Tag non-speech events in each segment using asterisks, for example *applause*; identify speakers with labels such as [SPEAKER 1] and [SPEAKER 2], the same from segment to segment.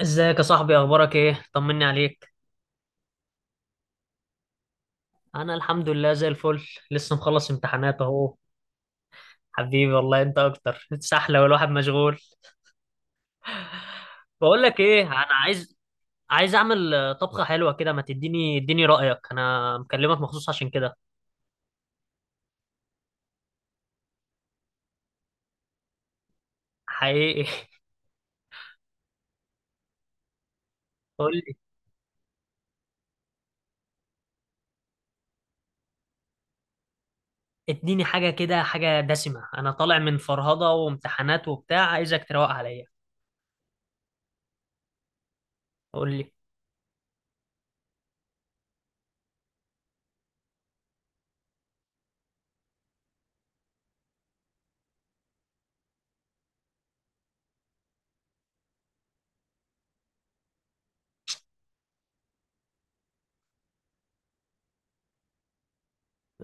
[SPEAKER 1] ازيك يا صاحبي، اخبارك ايه؟ طمني عليك. انا الحمد لله زي الفل. لسه مخلص امتحانات اهو. حبيبي والله، انت اكتر سحله والواحد مشغول. بقول لك ايه، انا عايز اعمل طبخه حلوه كده، ما تديني اديني رايك. انا مكلمك مخصوص عشان كده. حقيقي. *laughs* قول لي. اديني حاجه كده، حاجه دسمه، انا طالع من فرهضه وامتحانات وبتاع، عايزك تروق عليا. قول لي.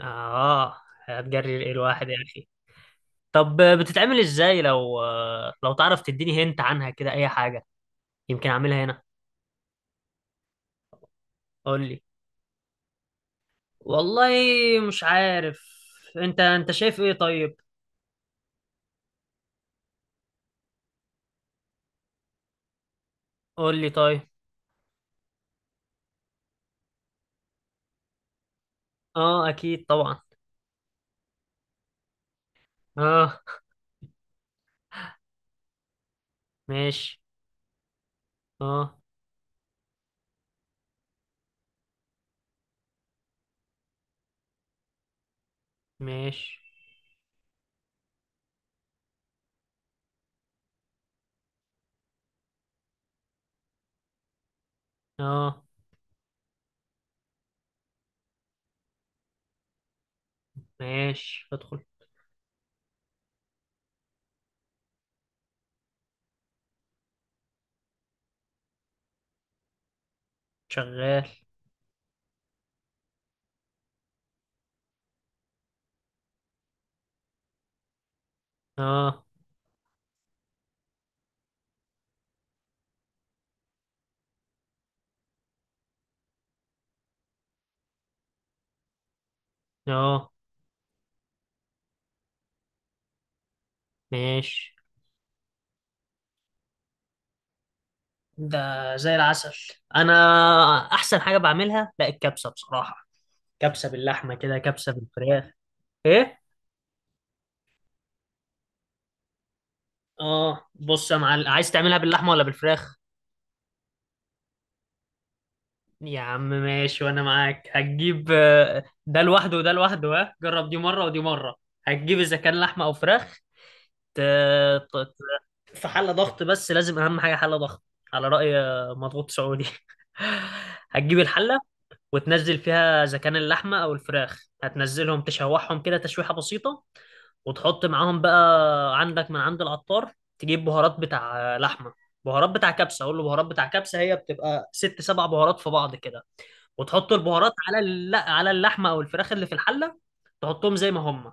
[SPEAKER 1] اه، هتجري ايه الواحد يا اخي؟ طب بتتعمل ازاي؟ لو تعرف تديني هنت عنها كده اي حاجة، يمكن اعملها هنا. قول لي. والله مش عارف. انت شايف ايه طيب؟ قول لي طيب. اه، اكيد طبعا. اه. ماشي. اه، ماشي. اه، ماشي، ادخل. شغال. اه، اه، ماشي. ده زي العسل. انا احسن حاجة بعملها، لا، الكبسة بصراحة. كبسة باللحمة كده، كبسة بالفراخ. ايه؟ اه، بص يا معلم، عايز تعملها باللحمه ولا بالفراخ؟ يا عم ماشي، وانا معاك. هتجيب ده لوحده وده لوحده، ها جرب دي مره ودي مره. هتجيب اذا كان لحمه او فراخ، ت- ت- في حله ضغط، بس لازم اهم حاجه حله ضغط. على راي مضغوط سعودي. *laughs* هتجيب الحله وتنزل فيها اذا كان اللحمه او الفراخ، هتنزلهم تشوحهم كده تشويحه بسيطه. وتحط معاهم بقى عندك من عند العطار، تجيب بهارات بتاع لحمه، بهارات بتاع كبسه، اقول له بهارات بتاع كبسه، هي بتبقى ست سبع بهارات في بعض كده. وتحط البهارات على على اللحمه او الفراخ اللي في الحله. تحطهم زي ما هم،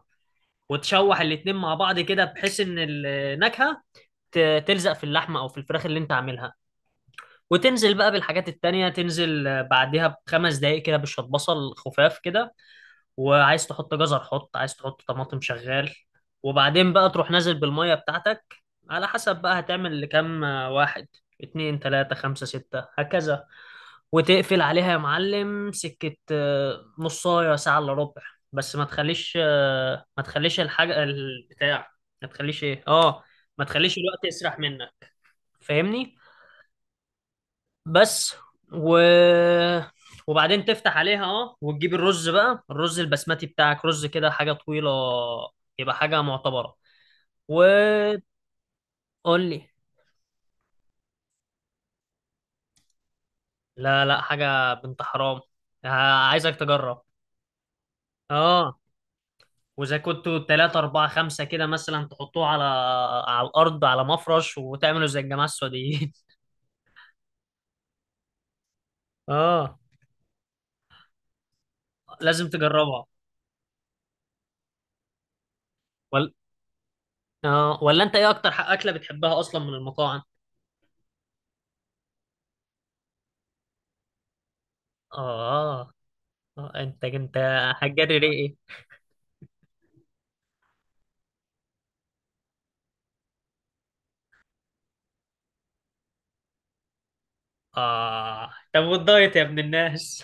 [SPEAKER 1] وتشوح الاتنين مع بعض كده بحيث ان النكهه تلزق في اللحمه او في الفراخ اللي انت عاملها. وتنزل بقى بالحاجات التانية، تنزل بعدها ب 5 دقايق كده، بشوية بصل خفاف كده. وعايز تحط جزر حط، عايز تحط طماطم شغال. وبعدين بقى تروح نازل بالمية بتاعتك، على حسب بقى هتعمل لكام واحد، اتنين، تلاتة، خمسة، ستة، هكذا. وتقفل عليها يا معلم سكة نصاية ساعة إلا ربع. بس ما تخليش الحاجة البتاع، ما تخليش ايه اه ما تخليش الوقت يسرح منك. فاهمني؟ بس و... وبعدين تفتح عليها، وتجيب الرز بقى، الرز البسمتي بتاعك، رز كده حاجة طويلة، يبقى حاجة معتبرة. وقول لي. لا، لا، حاجة بنت حرام. ه- عايزك تجرب. اه. واذا كنتوا تلاتة أربعة خمسة كده مثلا، تحطوه على الأرض، على مفرش، وتعملوا زي الجماعة السعوديين. *laughs* اه، لازم تجربها ولا؟ اه، ولا انت ايه اكتر اكلة بتحبها اصلا من المطاعم؟ اه. انت هتجري ليه ايه؟ اه، طب والدايت يا ابن الناس؟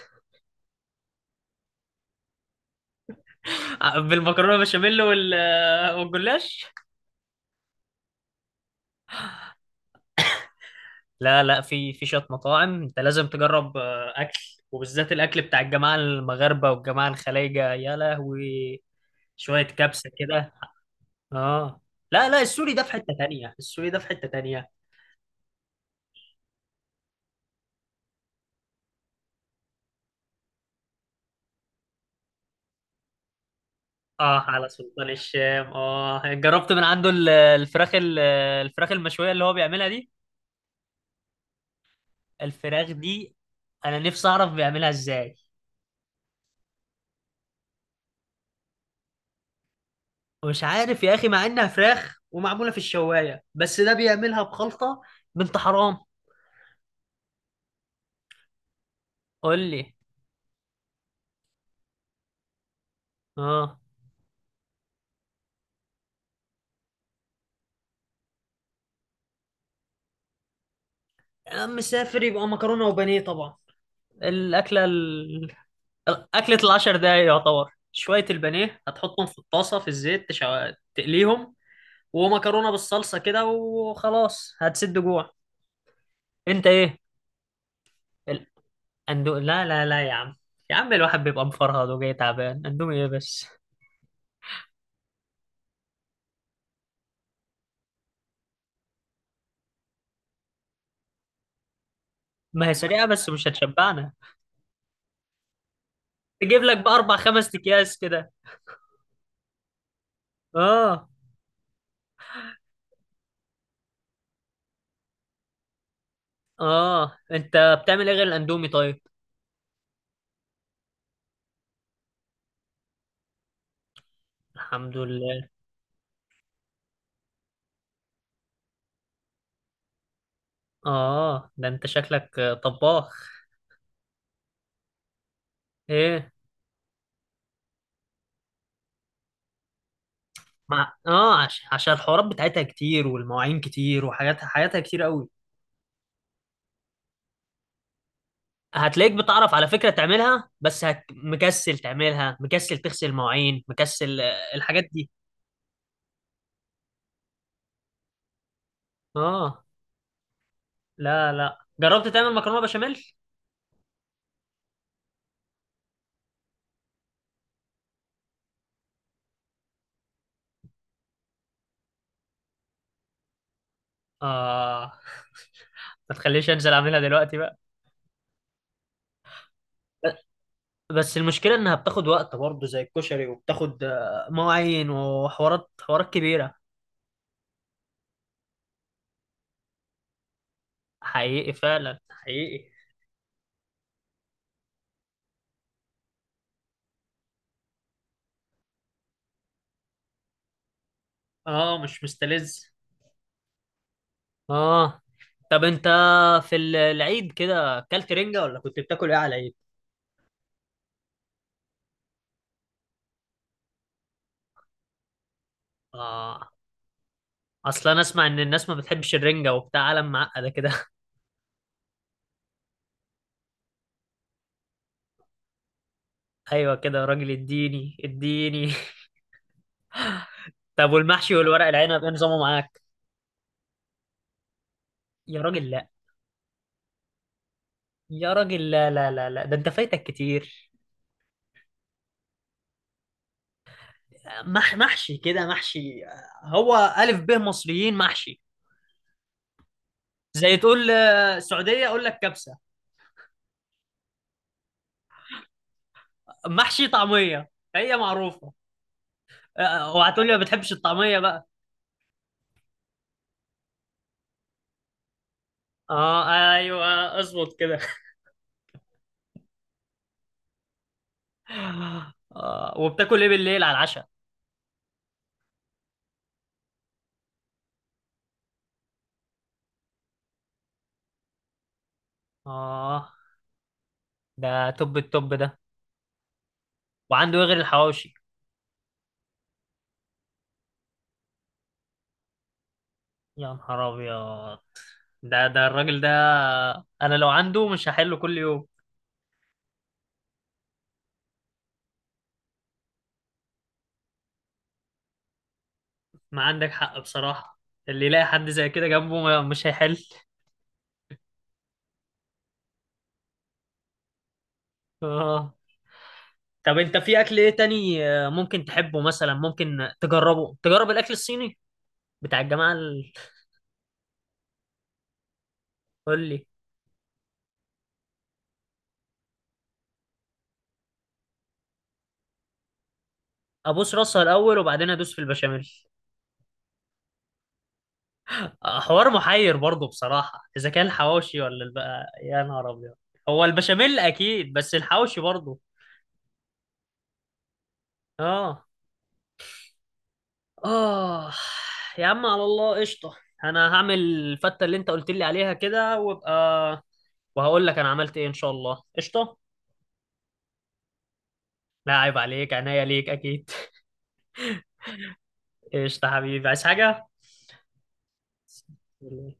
[SPEAKER 1] *laughs* بالمكرونه بشاميل، والجلاش. لا، لا، في شويه مطاعم انت لازم تجرب اكل، وبالذات الاكل بتاع الجماعه المغاربه والجماعه الخليجه، يا لهوي. شويه كبسه كده. اه، لا، لا، السوري ده في حته تانية، السوري ده في حته تانية. اه، على سلطان الشام، جربت من عنده الفراخ المشويه اللي هو بيعملها دي. الفراخ دي، انا نفسي اعرف بيعملها ازاي. ومش عارف يا اخي، مع انها فراخ ومعموله في الشوايه، بس ده بيعملها بخلطه بنت حرام. قول لي. اه، يا عم مسافر يبقى مكرونه وبانيه طبعا. الاكله ال... اكله ال 10 دقايق يعتبر، شويه البانيه هتحطهم في الطاسه في الزيت تقليهم، ومكرونه بالصلصه كده، وخلاص هتسد جوع. انت ايه؟ لا، لا، لا، يا عم. يا عم الواحد بيبقى مفرهد وجاي تعبان، اندومي ايه بس؟ ما هي سريعة بس مش هتشبعنا. تجيب لك بأربع خمس أكياس كده. آه. آه، أنت بتعمل إيه غير الأندومي طيب؟ الحمد لله. آه، ده أنت شكلك طباخ. إيه؟ عشان الحوارات بتاعتها كتير، والمواعين كتير، وحاجاتها حياتها كتير قوي. هتلاقيك بتعرف على فكرة تعملها، بس مكسل تعملها، مكسل تغسل مواعين، مكسل الحاجات دي. آه. لا، لا، جربت تعمل مكرونة بشاميل؟ آه. *laughs* ما تخليش أنزل أعملها دلوقتي بقى. بس المشكلة إنها بتاخد وقت برضه زي الكشري، وبتاخد مواعين وحوارات، حوارات كبيرة. حقيقي فعلا، حقيقي. اه، مش مستلذ. اه. طب انت في العيد كده اكلت رنجة، ولا كنت بتاكل ايه على العيد؟ اه، اصلا انا اسمع ان الناس ما بتحبش الرنجة وبتاع، عالم معقدة كده. *laughs* ايوه كده يا راجل، اديني اديني. *laughs* طب والمحشي والورق العنب ايه نظامه معاك؟ يا راجل لا. يا راجل، لا، لا، لا، لا، ده انت فايتك كتير. محشي كده محشي. هو ألف ب مصريين محشي. زي تقول سعودية أقول لك كبسة. محشي طعمية هي معروفة. وهتقول لي ما بتحبش الطعمية بقى. اه، ايوه، اظبط كده. *laughs* وبتاكل ايه بالليل على العشاء؟ اه، ده توب التوب ده. وعنده ايه غير الحواوشي؟ يا نهار ابيض، ده الراجل ده، انا لو عنده مش هحله كل يوم. ما عندك حق بصراحة، اللي يلاقي حد زي كده جنبه مش هيحل. اه، طب انت في اكل ايه تاني ممكن تحبه؟ مثلا ممكن تجرب الاكل الصيني بتاع الجماعه قول لي. ابوس راسها الاول وبعدين ادوس في البشاميل. حوار محير برضه بصراحه، اذا كان الحواوشي ولا البقى، يا نهار ابيض. هو البشاميل اكيد، بس الحواوشي برضه. اه. اه، يا عم على الله قشطه. انا هعمل الفته اللي انت قلت لي عليها كده، وابقى وهقول لك انا عملت ايه، ان شاء الله قشطه. لا عيب عليك، عناية ليك اكيد. قشطه حبيبي، عايز حاجه؟ والله.